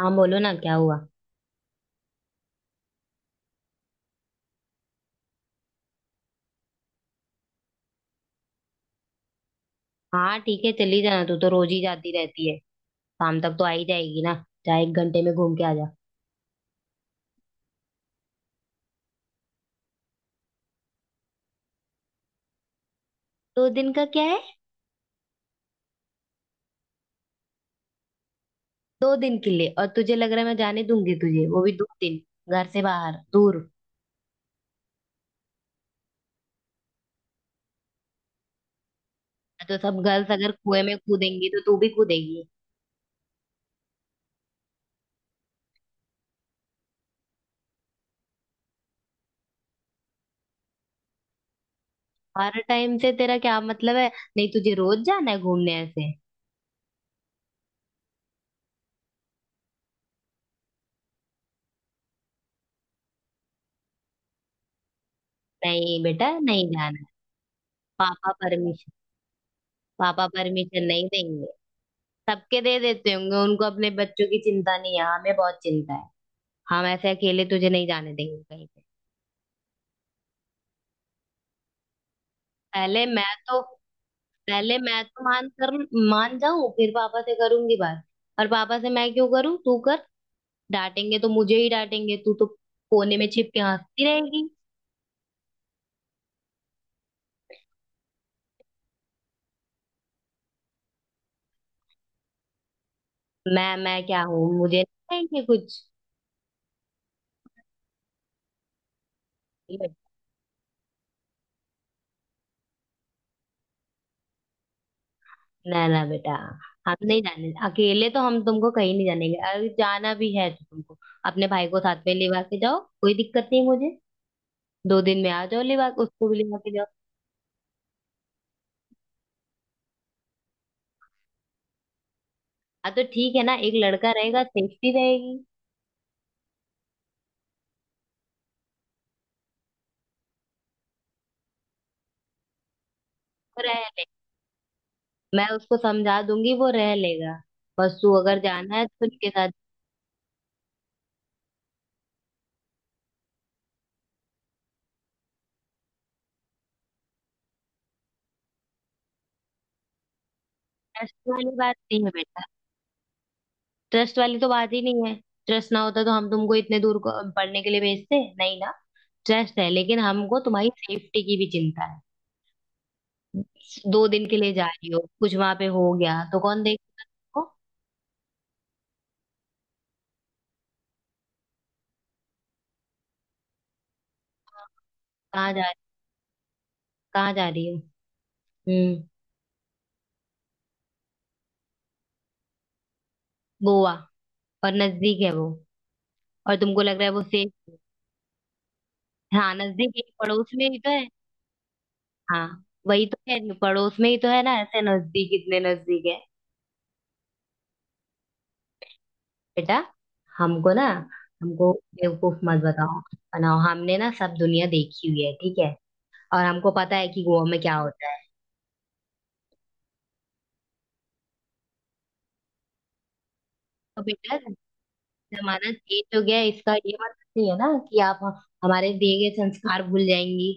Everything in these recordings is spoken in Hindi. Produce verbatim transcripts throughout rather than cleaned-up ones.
हाँ, बोलो ना। क्या हुआ? हाँ ठीक है, चली जाना। तू तो रोज ही जाती रहती है। शाम तक तो आ ही जाएगी ना। जा, एक घंटे में घूम के आ जा। दो दिन का क्या है? दो दिन के लिए? और तुझे लग रहा है मैं जाने दूंगी तुझे, वो भी दो दिन घर से बाहर दूर? तो सब गर्ल्स अगर कुएं में कूदेंगी तो तू भी कूदेगी? हर टाइम से तेरा क्या मतलब है? नहीं, तुझे रोज जाना है घूमने ऐसे? नहीं बेटा, नहीं जाना है। पापा परमिशन। पापा परमिशन नहीं देंगे। सबके दे देते होंगे, उनको अपने बच्चों की चिंता नहीं है। हाँ, हमें बहुत चिंता है। हम ऐसे अकेले तुझे नहीं जाने देंगे कहीं पे। पहले मैं तो पहले मैं तो मान कर मान जाऊं फिर पापा से करूंगी बात। और पापा से मैं क्यों करूं? तू कर। डांटेंगे तो मुझे ही डांटेंगे, तू तो कोने में छिप के हंसती रहेगी। मैं मैं क्या हूँ? मुझे नहीं कहेंगे कुछ। ना ना बेटा। हम नहीं जाने अकेले, तो हम तुमको कहीं नहीं जानेंगे। अगर जाना भी है तो तुमको अपने भाई को साथ में लेवा के जाओ, कोई दिक्कत नहीं मुझे। दो दिन में आ जाओ, लेवा उसको भी लेवा के जाओ। हाँ तो ठीक है ना, एक लड़का रहेगा, सेफ्टी रहेगी। वो रह मैं उसको समझा दूंगी, वो रह लेगा। बस तू अगर जाना है तो उसके साथ। ट्रस्ट वाली बात नहीं है बेटा। ट्रस्ट वाली तो बात ही नहीं है। ट्रस्ट ना होता तो हम तुमको इतने दूर को पढ़ने के लिए भेजते नहीं ना। ट्रस्ट है, लेकिन हमको तुम्हारी सेफ्टी की भी चिंता है। दो दिन के लिए जा रही हो, कुछ वहां पे हो गया तो कौन देखेगा? कहाँ जा कहाँ जा रही हो? हम्म। गोवा? और नजदीक है वो? और तुमको लग रहा है वो सेफ? हाँ नजदीक ही, पड़ोस में ही तो है। हाँ वही तो है, पड़ोस में ही तो है ना, ऐसे नजदीक, इतने नजदीक है। बेटा, हमको ना हमको बेवकूफ मत बताओ बनाओ। हमने ना सब दुनिया देखी हुई है, ठीक है। और हमको पता है कि गोवा में क्या होता है। तो बेटा, जमाना चेंज हो गया है, इसका ये मतलब नहीं है ना कि आप हमारे दिए गए संस्कार भूल जाएंगी।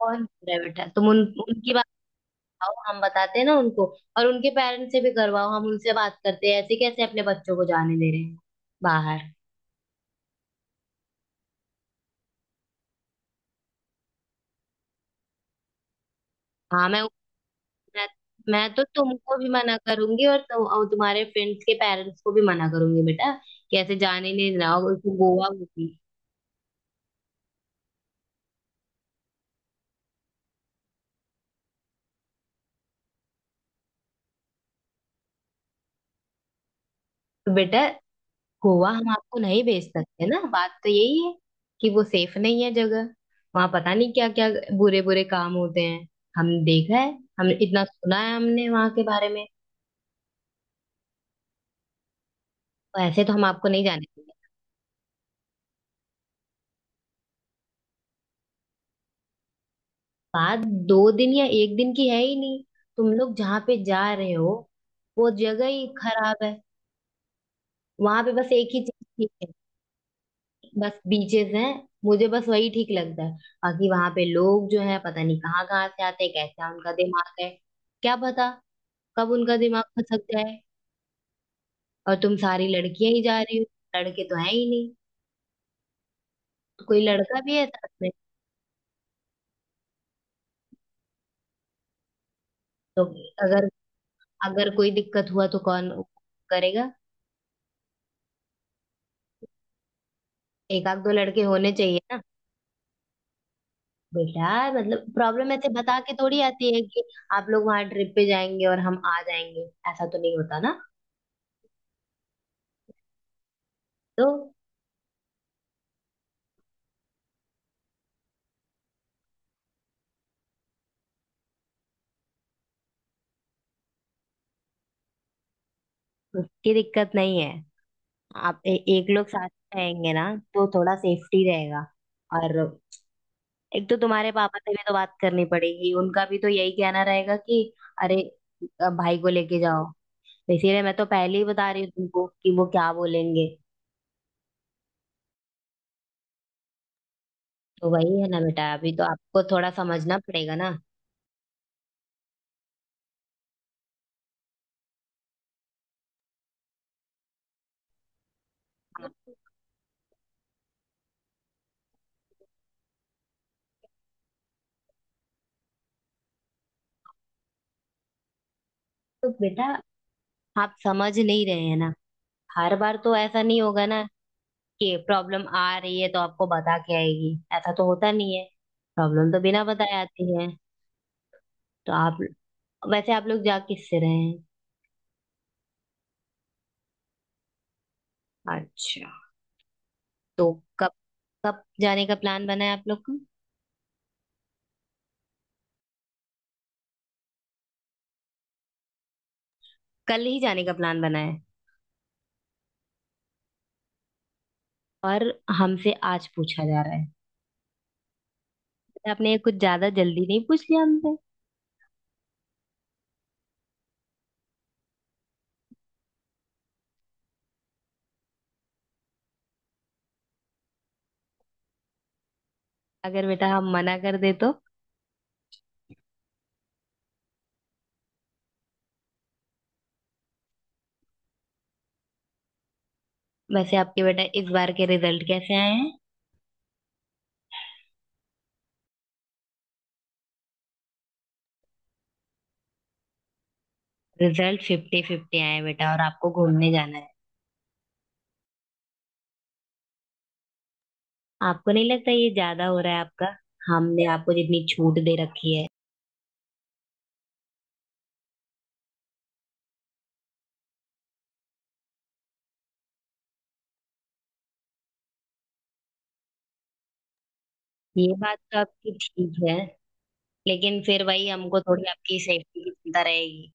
कौन भूल रहा है बेटा? तुम उन उनकी बात बताओ, हम बताते हैं ना उनको। और उनके पेरेंट्स से भी करवाओ, हम उनसे बात करते हैं। ऐसे कैसे अपने बच्चों को जाने दे रहे हैं बाहर? हाँ, मैं मैं मैं तो तुमको भी मना करूंगी और तुम और तुम्हारे फ्रेंड्स के पेरेंट्स को भी मना करूंगी बेटा कि ऐसे जाने नहीं देना। और उसको गोवा होगी। तो बेटा, गोवा हम आपको नहीं भेज सकते ना, बात तो यही है कि वो सेफ नहीं है जगह। वहां पता नहीं क्या क्या बुरे बुरे काम होते हैं। हम देखा है, हम इतना सुना है हमने वहां के बारे में। और ऐसे तो हम आपको नहीं जाने देंगे। बात दो दिन या एक दिन की है ही नहीं। तुम लोग जहाँ पे जा रहे हो, वो जगह ही खराब है। वहां पे बस एक ही चीज ठीक है, बस बीचेस हैं, मुझे बस वही ठीक लगता है। बाकी वहां पे लोग जो है पता नहीं कहाँ कहाँ से आते हैं, कैसा उनका दिमाग है, क्या पता कब उनका दिमाग खसक जाए। और तुम सारी लड़कियां ही जा रही हो, लड़के तो है ही नहीं। तो कोई लड़का भी है साथ में? तो अगर अगर कोई दिक्कत हुआ तो कौन करेगा? एक आध दो लड़के होने चाहिए ना। बेटा मतलब प्रॉब्लम ऐसे बता के थोड़ी आती है कि आप लोग वहां ट्रिप पे जाएंगे और हम आ जाएंगे, ऐसा तो नहीं होता ना। तो उसकी दिक्कत नहीं है। आप ए, एक लोग साथ में रहेंगे ना तो थोड़ा सेफ्टी रहेगा। और एक तो तुम्हारे पापा से भी तो बात करनी पड़ेगी, उनका भी तो यही कहना रहेगा कि अरे, अ, भाई को लेके जाओ। तो इसीलिए मैं तो पहले ही बता रही हूँ तुमको कि वो क्या बोलेंगे। तो वही है ना बेटा, अभी तो आपको थोड़ा समझना पड़ेगा ना। तो बेटा आप समझ नहीं रहे हैं ना, हर बार तो ऐसा नहीं होगा ना कि प्रॉब्लम आ रही है तो आपको बता के आएगी। ऐसा तो होता नहीं है, प्रॉब्लम तो बिना बताए आती है। तो आप वैसे आप लोग जा किससे रहे हैं? अच्छा, तो कब कब जाने का प्लान बना है आप लोग का? कल ही जाने का प्लान बना है? और हमसे आज पूछा जा रहा है? बेटा, आपने कुछ ज्यादा जल्दी नहीं पूछ लिया हमसे? अगर बेटा हम मना कर दे तो? वैसे आपके बेटा इस बार के रिजल्ट कैसे आए हैं? रिजल्ट फिफ्टी फिफ्टी आए हैं बेटा और आपको घूमने जाना है? आपको नहीं लगता ये ज्यादा हो रहा है आपका? हमने आपको जितनी छूट दे रखी है। ये बात तो आपकी ठीक है, लेकिन फिर वही हमको थोड़ी आपकी सेफ्टी की चिंता रहेगी।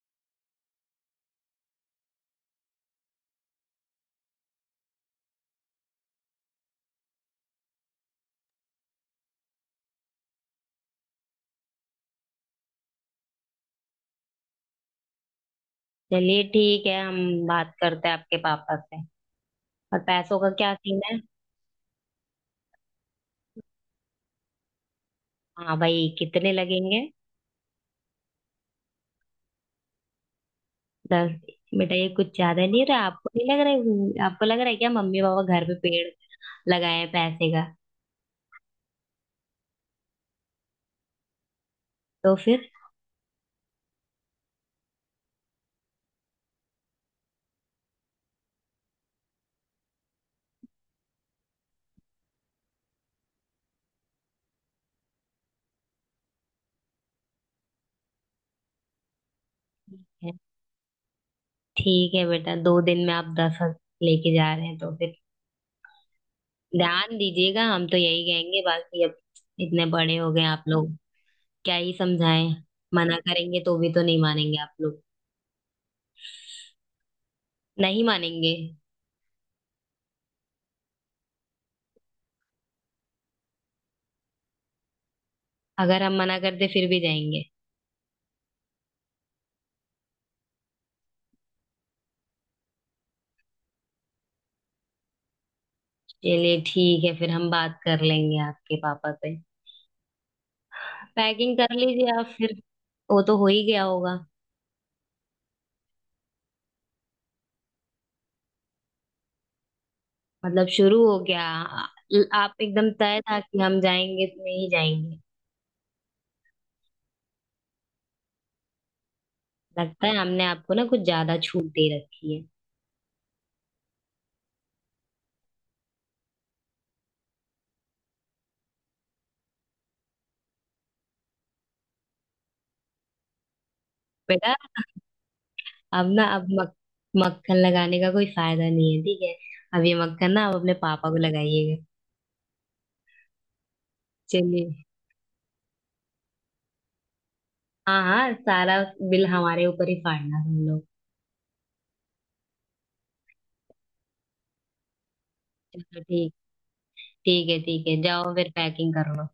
चलिए ठीक है, हम बात करते हैं आपके पापा से। और पैसों का क्या सीन है? हाँ भाई कितने लगेंगे? दस? बेटा ये कुछ ज्यादा नहीं रहा, आपको नहीं लग रहा है? आपको लग रहा है क्या मम्मी पापा घर पे पेड़ लगाए हैं पैसे का? तो फिर ठीक है बेटा, दो दिन में आप दस हज- लेके जा रहे हैं तो फिर ध्यान दीजिएगा। हम तो यही कहेंगे, बाकी अब इतने बड़े हो गए आप लोग, क्या ही समझाएं। मना करेंगे तो भी तो नहीं मानेंगे आप लोग। नहीं मानेंगे। अगर हम मना करते फिर भी जाएंगे? चलिए ठीक है, फिर हम बात कर लेंगे आपके पापा से। पैकिंग कर लीजिए आप फिर। वो तो हो ही गया होगा। मतलब शुरू हो गया। आ- आप एकदम तय था कि हम जाएंगे तो नहीं जाएंगे। लगता है हमने आपको ना कुछ ज्यादा छूट दे रखी है। बेटा अब ना अब मक, मक्खन लगाने का कोई फायदा नहीं है, ठीक है। अब ये मक्खन ना आप अपने पापा को लगाइएगा। चलिए, हाँ हाँ सारा बिल हमारे ऊपर ही फाड़ना तुम लोग। चलो ठीक, ठीक है ठीक है, जाओ फिर पैकिंग करो।